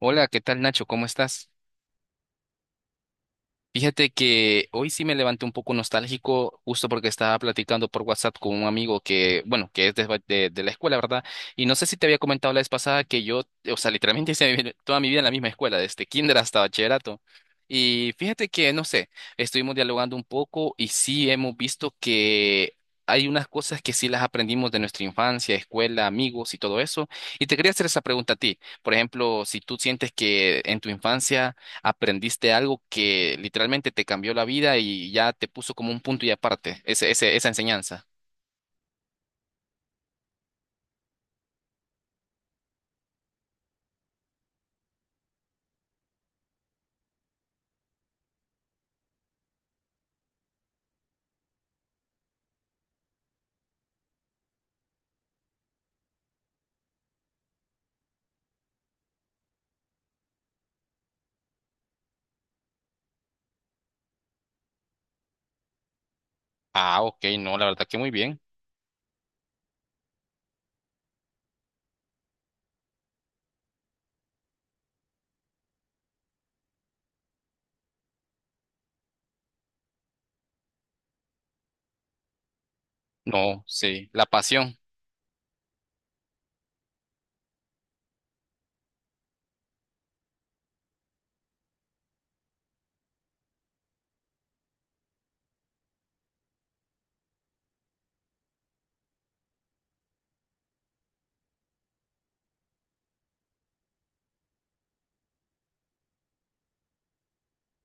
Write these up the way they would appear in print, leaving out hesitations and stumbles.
Hola, ¿qué tal Nacho? ¿Cómo estás? Fíjate que hoy sí me levanté un poco nostálgico, justo porque estaba platicando por WhatsApp con un amigo que, bueno, que es de la escuela, ¿verdad? Y no sé si te había comentado la vez pasada que yo, o sea, literalmente toda mi vida en la misma escuela, desde kinder hasta bachillerato. Y fíjate que, no sé, estuvimos dialogando un poco y sí hemos visto que hay unas cosas que sí las aprendimos de nuestra infancia, escuela, amigos y todo eso. Y te quería hacer esa pregunta a ti. Por ejemplo, si tú sientes que en tu infancia aprendiste algo que literalmente te cambió la vida y ya te puso como un punto y aparte, esa enseñanza. Ah, ok, no, la verdad que muy bien. No, sí, la pasión.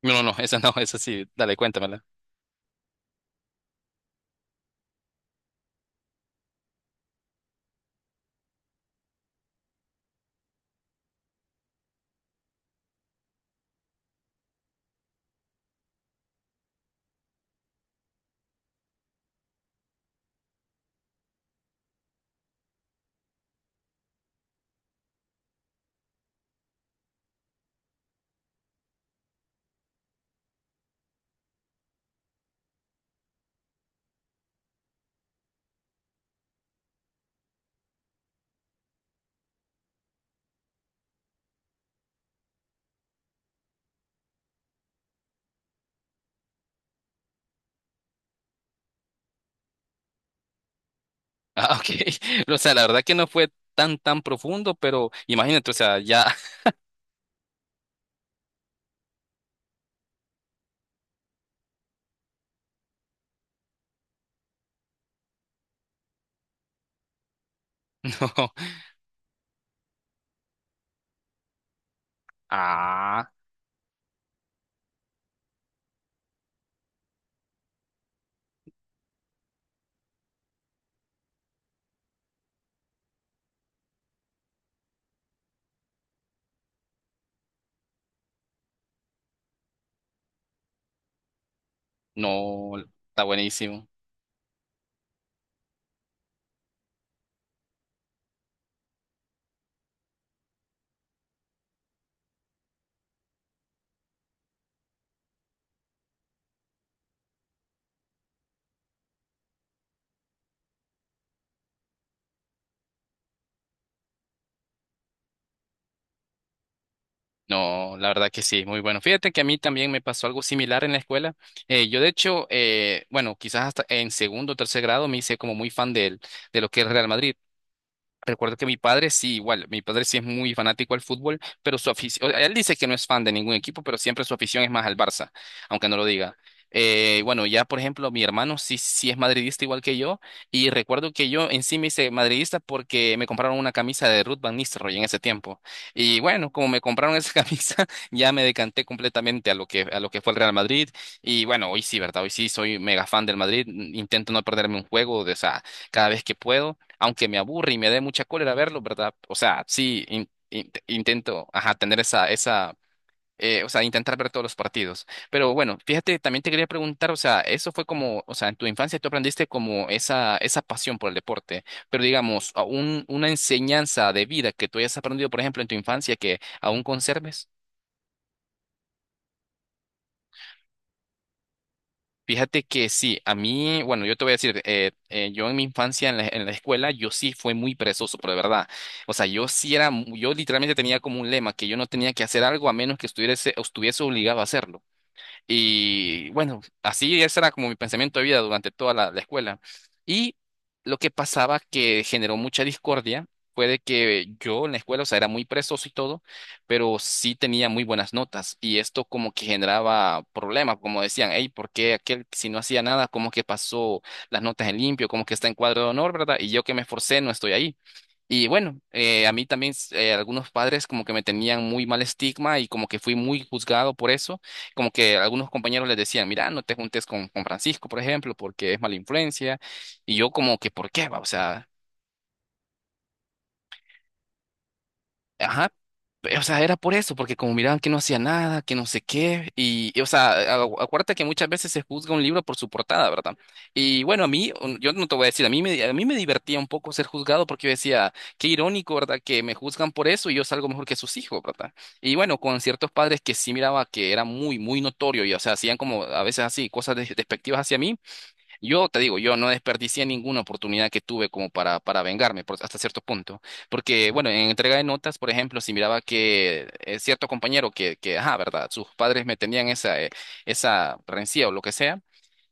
No, no, no, esa no, esa sí, dale, cuéntamela. Ah, ok. O sea, la verdad que no fue tan profundo, pero imagínate, o sea, ya, no. Ah, no, está buenísimo. No, la verdad que sí, muy bueno. Fíjate que a mí también me pasó algo similar en la escuela. Yo de hecho, bueno, quizás hasta en segundo o tercer grado me hice como muy de lo que es Real Madrid. Recuerdo que mi padre sí, igual, mi padre sí es muy fanático al fútbol, pero su afición, él dice que no es fan de ningún equipo, pero siempre su afición es más al Barça, aunque no lo diga. Bueno, ya por ejemplo, mi hermano sí es madridista igual que yo, y recuerdo que yo en sí me hice madridista porque me compraron una camisa de Ruth Van Nistelrooy en ese tiempo. Y bueno, como me compraron esa camisa, ya me decanté completamente a lo que fue el Real Madrid. Y bueno, hoy sí, ¿verdad? Hoy sí soy mega fan del Madrid, intento no perderme un juego, de, o sea, cada vez que puedo aunque me aburre y me dé mucha cólera verlo, ¿verdad? O sea, sí, intento, ajá, tener esa, o sea, intentar ver todos los partidos. Pero bueno, fíjate, también te quería preguntar, o sea, eso fue como, o sea, en tu infancia tú aprendiste como esa pasión por el deporte, pero digamos, a un, una enseñanza de vida que tú hayas aprendido, por ejemplo, en tu infancia que aún conserves. Fíjate que sí, a mí, bueno, yo te voy a decir, yo en mi infancia en en la escuela, yo sí fui muy perezoso, pero de verdad. O sea, yo sí era, yo literalmente tenía como un lema que yo no tenía que hacer algo a menos que estuviese obligado a hacerlo. Y bueno, así ese era como mi pensamiento de vida durante toda la escuela. Y lo que pasaba que generó mucha discordia fue de que yo en la escuela, o sea, era muy presoso y todo, pero sí tenía muy buenas notas. Y esto como que generaba problemas, como decían, hey, ¿por qué aquel si no hacía nada, como que pasó las notas en limpio, como que está en cuadro de honor, ¿verdad? Y yo que me esforcé no estoy ahí. Y bueno, a mí también algunos padres como que me tenían muy mal estigma y como que fui muy juzgado por eso, como que algunos compañeros les decían, mira, no te juntes con Francisco, por ejemplo, porque es mala influencia, y yo como que, ¿por qué? Va? O sea, ajá. O sea, era por eso, porque como miraban que no hacía nada, que no sé qué, o sea, acuérdate que muchas veces se juzga un libro por su portada, ¿verdad? Y bueno, a mí, yo no te voy a decir, a mí a mí me divertía un poco ser juzgado porque yo decía, qué irónico, ¿verdad? Que me juzgan por eso y yo salgo mejor que sus hijos, ¿verdad? Y bueno, con ciertos padres que sí miraba que era muy notorio y, o sea, hacían como a veces así, despectivas hacia mí, yo te digo, yo no desperdicié ninguna oportunidad que tuve como para vengarme por- hasta cierto punto. Porque, bueno, en entrega de notas, por ejemplo, si miraba que cierto compañero ajá, ¿verdad? Sus padres me tenían esa, esa rencilla o lo que sea.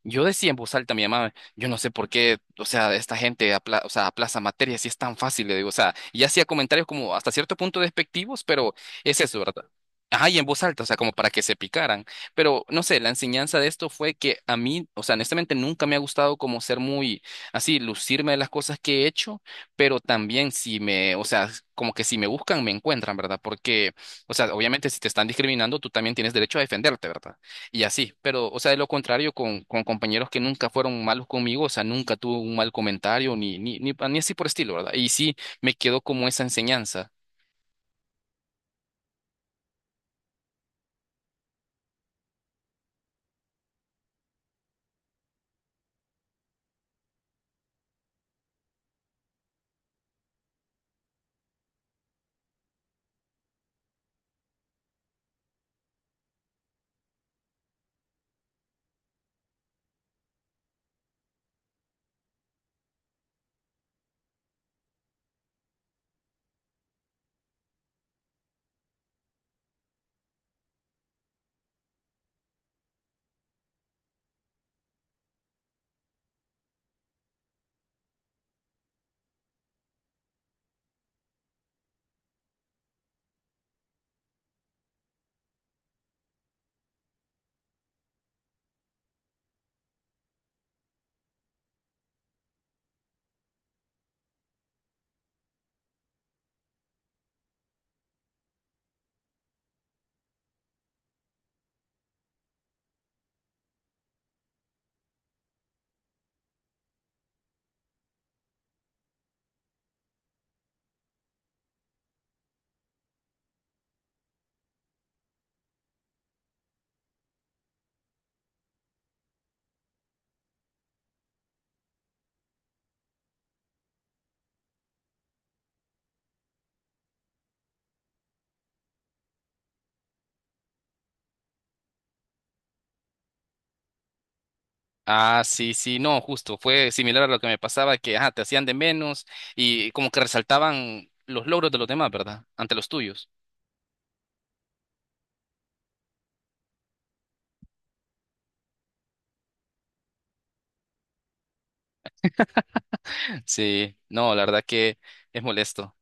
Yo decía en voz alta a mi mamá, yo no sé por qué, o sea, esta gente o sea, aplaza materias si es tan fácil, le digo, o sea, y hacía comentarios como hasta cierto punto despectivos, pero es eso, ¿verdad? Ajá, y en voz alta, o sea, como para que se picaran. Pero no sé, la enseñanza de esto fue que a mí, o sea, honestamente nunca me ha gustado como ser muy así, lucirme de las cosas que he hecho, pero también si me, o sea, como que si me buscan, me encuentran, ¿verdad? Porque, o sea, obviamente si te están discriminando, tú también tienes derecho a defenderte, ¿verdad? Y así, pero, o sea, de lo contrario, con compañeros que nunca fueron malos conmigo, o sea, nunca tuve un mal comentario, ni así por estilo, ¿verdad? Y sí, me quedó como esa enseñanza. Ah, sí, sí, no, justo, fue similar a lo que me pasaba, que, ajá, te hacían de menos y como que resaltaban los logros de los demás, ¿verdad? Ante los tuyos. Sí, no, la verdad que es molesto.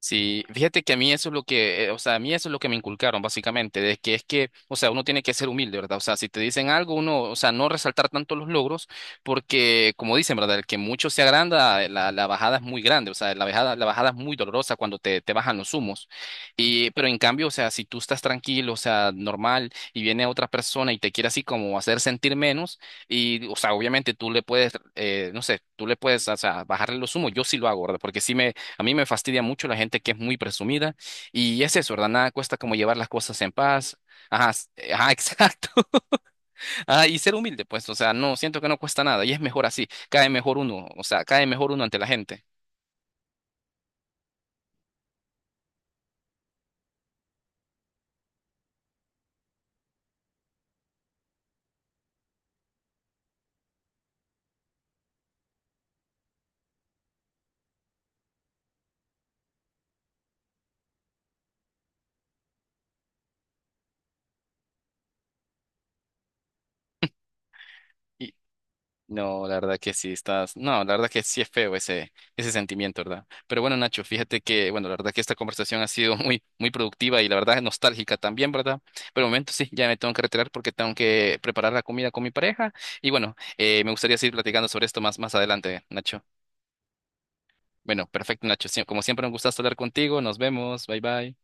Sí, fíjate que a mí eso es lo que, o sea, a mí eso es lo que me inculcaron básicamente, de que es que, o sea, uno tiene que ser humilde, ¿verdad? O sea, si te dicen algo, uno, o sea, no resaltar tanto los logros, porque como dicen, ¿verdad? El que mucho se agranda, la bajada es muy grande, o sea, la bajada es muy dolorosa cuando te bajan los humos. Y, pero en cambio, o sea, si tú estás tranquilo, o sea, normal, y viene otra persona y te quiere así como hacer sentir menos, y, o sea, obviamente tú le puedes, no sé, tú le puedes, o sea, bajarle los humos, yo sí lo hago, ¿verdad? Porque sí me a mí me fastidia mucho la gente que es muy presumida y es eso, ¿verdad? Nada cuesta como llevar las cosas en paz. Ajá, ajá, exacto. Ah, y ser humilde, pues, o sea, no, siento que no cuesta nada y es mejor así. Cae mejor uno, o sea, cae mejor uno ante la gente. No, la verdad que sí estás. No, la verdad que sí es feo ese, ese sentimiento, ¿verdad? Pero bueno, Nacho, fíjate que, bueno, la verdad que esta conversación ha sido muy, muy productiva y la verdad nostálgica también, ¿verdad? Pero de momento sí, ya me tengo que retirar porque tengo que preparar la comida con mi pareja. Y bueno, me gustaría seguir platicando sobre esto más adelante, Nacho. Bueno, perfecto, Nacho. Como siempre, un gustazo hablar contigo. Nos vemos. Bye bye.